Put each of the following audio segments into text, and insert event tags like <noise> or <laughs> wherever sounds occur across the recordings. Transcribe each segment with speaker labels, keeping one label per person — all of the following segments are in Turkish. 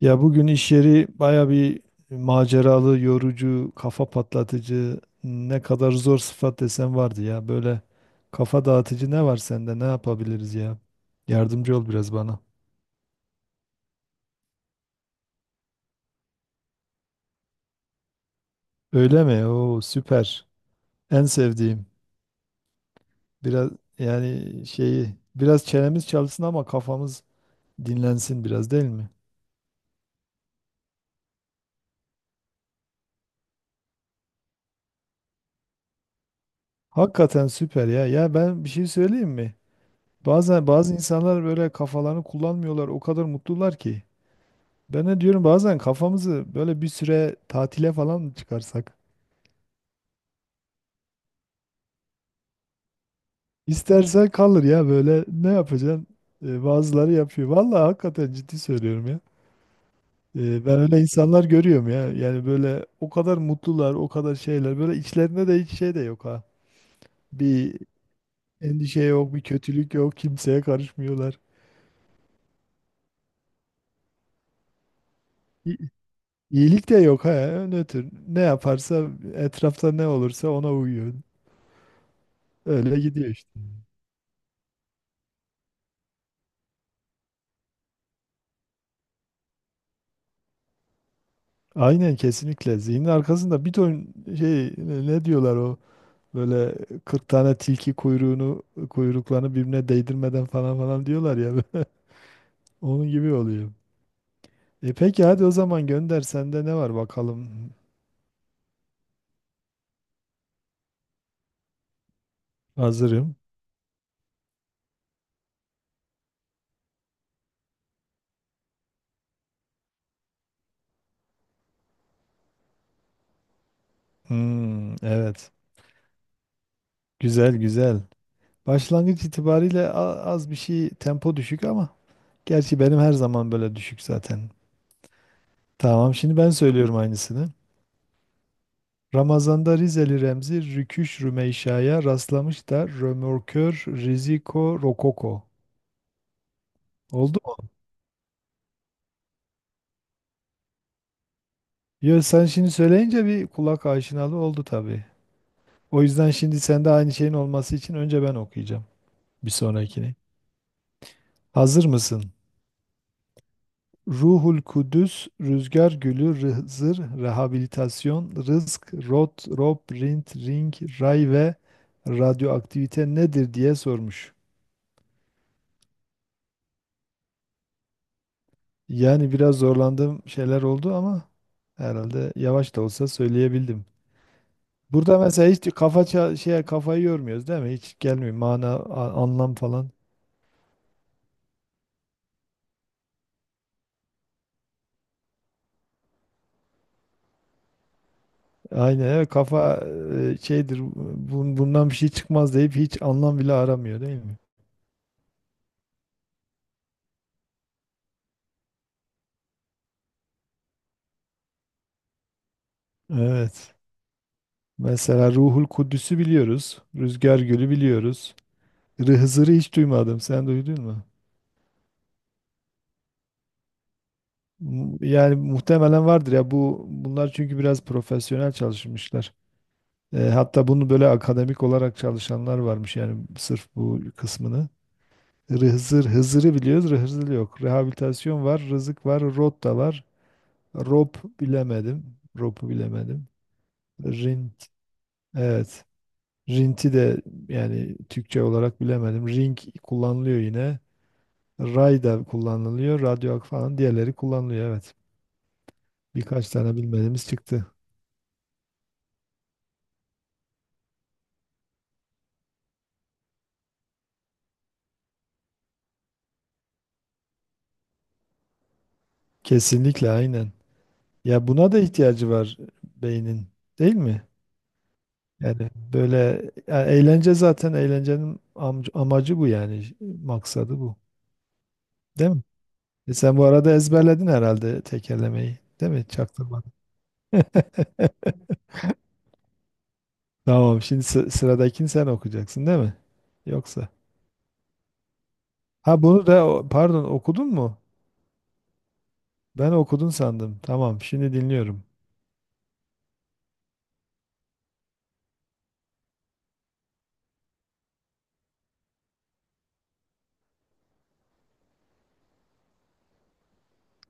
Speaker 1: Ya bugün iş yeri baya bir maceralı, yorucu, kafa patlatıcı, ne kadar zor sıfat desen vardı ya. Böyle kafa dağıtıcı ne var sende? Ne yapabiliriz ya? Yardımcı ol biraz bana. Öyle mi? Oo süper. En sevdiğim. Biraz yani şeyi biraz çenemiz çalsın ama kafamız dinlensin biraz değil mi? Hakikaten süper ya. Ya ben bir şey söyleyeyim mi? Bazen bazı insanlar böyle kafalarını kullanmıyorlar. O kadar mutlular ki. Ben de diyorum bazen kafamızı böyle bir süre tatile falan mı çıkarsak? İstersen kalır ya böyle ne yapacaksın? Bazıları yapıyor. Vallahi hakikaten ciddi söylüyorum ya. Ben öyle insanlar görüyorum ya. Yani böyle o kadar mutlular, o kadar şeyler. Böyle içlerinde de hiç şey de yok ha. Bir endişe yok, bir kötülük yok, kimseye karışmıyorlar. İ- İyilik de yok ha. Ne tür, ne yaparsa etrafta ne olursa ona uyuyor. Öyle gidiyor işte. Aynen kesinlikle. Zihnin arkasında bir ton şey ne diyorlar o böyle 40 tane tilki kuyruğunu kuyruklarını birbirine değdirmeden falan falan diyorlar ya. <laughs> Onun gibi oluyor. E peki hadi o zaman gönder. Sende ne var bakalım? Hazırım. Hmm, evet. Güzel güzel. Başlangıç itibariyle az bir şey tempo düşük ama gerçi benim her zaman böyle düşük zaten. Tamam şimdi ben söylüyorum aynısını. Ramazan'da Rizeli Remzi Rüküş Rümeysa'ya rastlamış da Römorkör Riziko Rokoko. Oldu mu? Yo, sen şimdi söyleyince bir kulak aşinalığı oldu tabii. O yüzden şimdi sende aynı şeyin olması için önce ben okuyacağım bir sonrakini. Hazır mısın? Ruhul Kudüs, Rüzgar Gülü, Rızır, Rehabilitasyon, Rızk, Rot, Rob, Rint, Ring, Ray ve Radyoaktivite nedir diye sormuş. Yani biraz zorlandığım şeyler oldu ama herhalde yavaş da olsa söyleyebildim. Burada mesela hiç kafa şeye kafayı yormuyoruz değil mi? Hiç gelmiyor mana anlam falan. Aynen evet kafa şeydir bundan bir şey çıkmaz deyip hiç anlam bile aramıyor değil mi? Evet. Mesela Ruhul Kudüs'ü biliyoruz. Rüzgar Gölü biliyoruz. Hızır'ı hiç duymadım. Sen duydun mu? Yani muhtemelen vardır ya bunlar çünkü biraz profesyonel çalışmışlar. Hatta bunu böyle akademik olarak çalışanlar varmış yani sırf bu kısmını. Hızır, Hızır'ı biliyoruz, Hızır yok. Rehabilitasyon var, rızık var, rot da var. Rop bilemedim, ropu bilemedim. Rint, evet. Rinti de yani Türkçe olarak bilemedim. Ring kullanılıyor yine. Ray da kullanılıyor, radyo falan diğerleri kullanılıyor evet. Birkaç tane bilmediğimiz çıktı. Kesinlikle aynen. Ya buna da ihtiyacı var beynin, değil mi? Yani böyle ya eğlence zaten eğlencenin amacı bu yani maksadı bu. Değil mi? E sen bu arada ezberledin herhalde tekerlemeyi. Değil mi? Çaktırmadın. <laughs> Tamam şimdi sıradakini sen okuyacaksın değil mi? Yoksa. Ha bunu da pardon okudun mu? Ben okudun sandım. Tamam şimdi dinliyorum.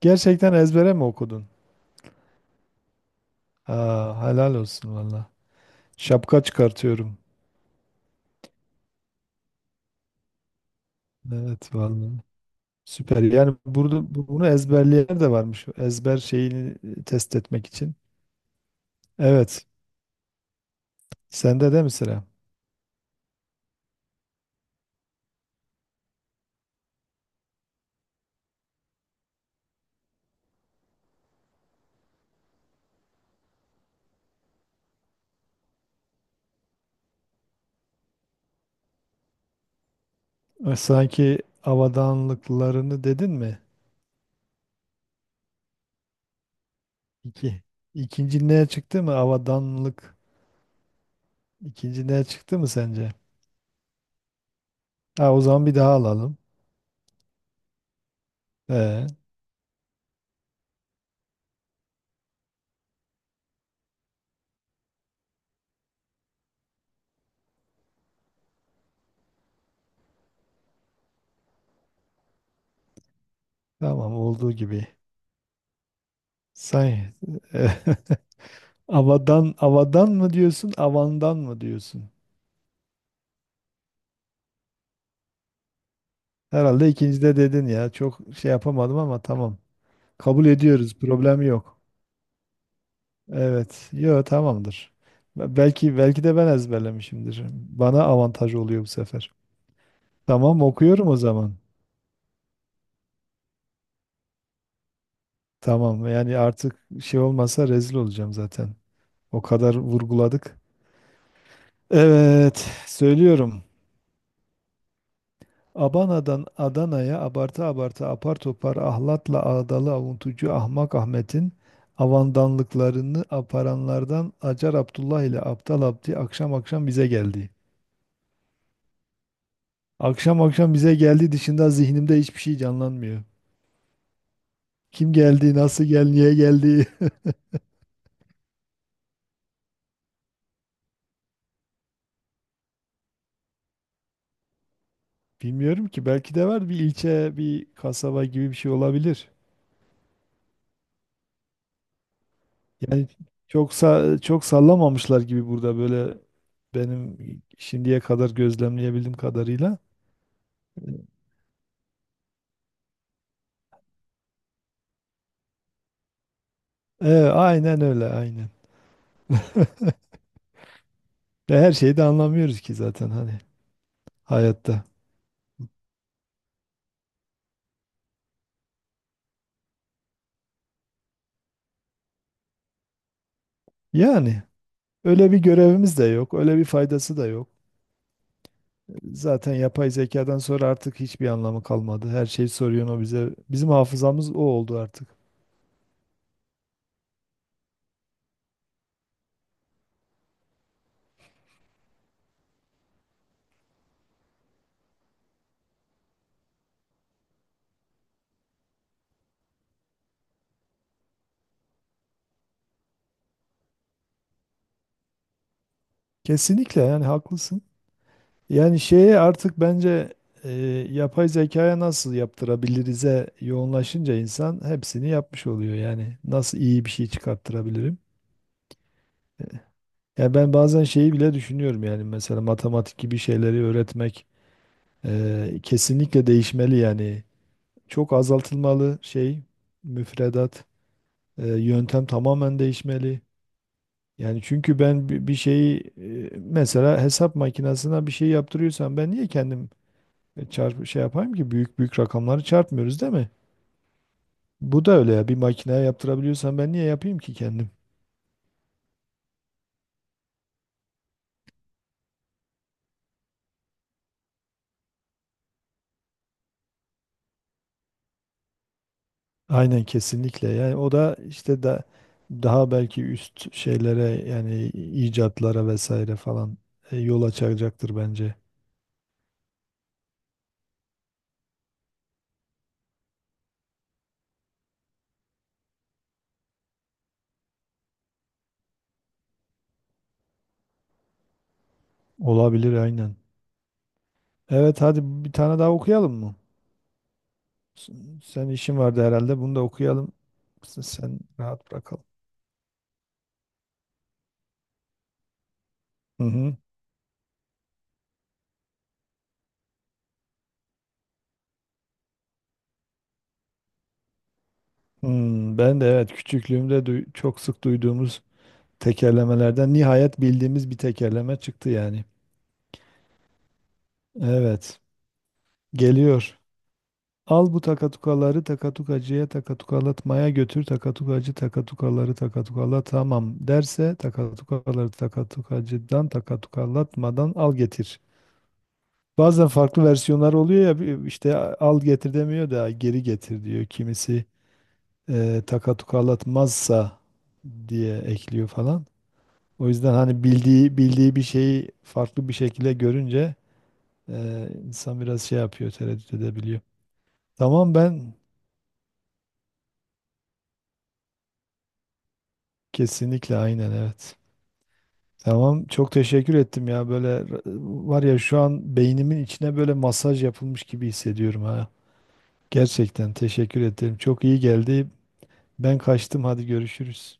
Speaker 1: Gerçekten ezbere mi okudun? Aa, helal olsun valla. Şapka çıkartıyorum. Evet valla. Süper. Yani burada bunu ezberleyen de varmış. Ezber şeyini test etmek için. Evet. Sende de mi sıra? Sanki avadanlıklarını dedin mi? İki. İkinci neye çıktı mı? Avadanlık. İkinci neye çıktı mı sence? Ha, o zaman bir daha alalım. Ee, tamam olduğu gibi. Sanki <laughs> avadan avadan mı diyorsun, avandan mı diyorsun? Herhalde ikincide dedin ya. Çok şey yapamadım ama tamam. Kabul ediyoruz. Problem yok. Evet. Yo tamamdır. Belki de ben ezberlemişimdir. Bana avantaj oluyor bu sefer. Tamam okuyorum o zaman. Tamam yani artık şey olmasa rezil olacağım zaten. O kadar vurguladık. Evet söylüyorum. Abana'dan Adana'ya abartı abartı apar topar ahlatla ağdalı avuntucu Ahmak Ahmet'in avandanlıklarını aparanlardan Acar Abdullah ile Aptal Abdi akşam akşam bize geldi. Akşam akşam bize geldi dışında zihnimde hiçbir şey canlanmıyor. Kim geldi, nasıl geldi, niye geldi <laughs> bilmiyorum ki. Belki de var bir ilçe, bir kasaba gibi bir şey olabilir. Yani çok sallamamışlar gibi burada böyle benim şimdiye kadar gözlemleyebildiğim kadarıyla. Aynen öyle, aynen. Ve her şeyi de anlamıyoruz ki zaten hani hayatta. Yani öyle bir görevimiz de yok, öyle bir faydası da yok. Zaten yapay zekadan sonra artık hiçbir anlamı kalmadı. Her şeyi soruyor o bize. Bizim hafızamız o oldu artık. Kesinlikle yani haklısın. Yani şeye artık bence e, yapay zekaya nasıl yaptırabilirize yoğunlaşınca insan hepsini yapmış oluyor. Yani nasıl iyi bir şey çıkarttırabilirim? Yani ben bazen şeyi bile düşünüyorum yani mesela matematik gibi şeyleri öğretmek kesinlikle değişmeli yani. Çok azaltılmalı şey müfredat, yöntem tamamen değişmeli. Yani çünkü ben bir şeyi mesela hesap makinesine bir şey yaptırıyorsam ben niye kendim çarp şey yapayım ki büyük büyük rakamları çarpmıyoruz değil mi? Bu da öyle ya bir makineye yaptırabiliyorsam ben niye yapayım ki kendim? Aynen kesinlikle. Yani o da işte daha belki üst şeylere yani icatlara vesaire falan yol açacaktır bence. Olabilir aynen. Evet hadi bir tane daha okuyalım mı? S- Sen işin vardı herhalde. Bunu da okuyalım. Sen rahat bırakalım. Hı hı. Hmm, ben de evet küçüklüğümde çok sık duyduğumuz tekerlemelerden nihayet bildiğimiz bir tekerleme çıktı yani. Evet. Geliyor. Al bu takatukaları takatukacıya takatukalatmaya götür. Takatukacı takatukaları takatukala tamam derse takatukaları takatukacıdan takatukalatmadan al getir. Bazen farklı versiyonlar oluyor ya işte al getir demiyor da geri getir diyor. Kimisi takatukalatmazsa diye ekliyor falan. O yüzden hani bildiği bildiği bir şeyi farklı bir şekilde görünce insan biraz şey yapıyor, tereddüt edebiliyor. Tamam ben kesinlikle aynen evet. Tamam çok teşekkür ettim ya böyle var ya şu an beynimin içine böyle masaj yapılmış gibi hissediyorum ha. Gerçekten teşekkür ederim. Çok iyi geldi. Ben kaçtım hadi görüşürüz.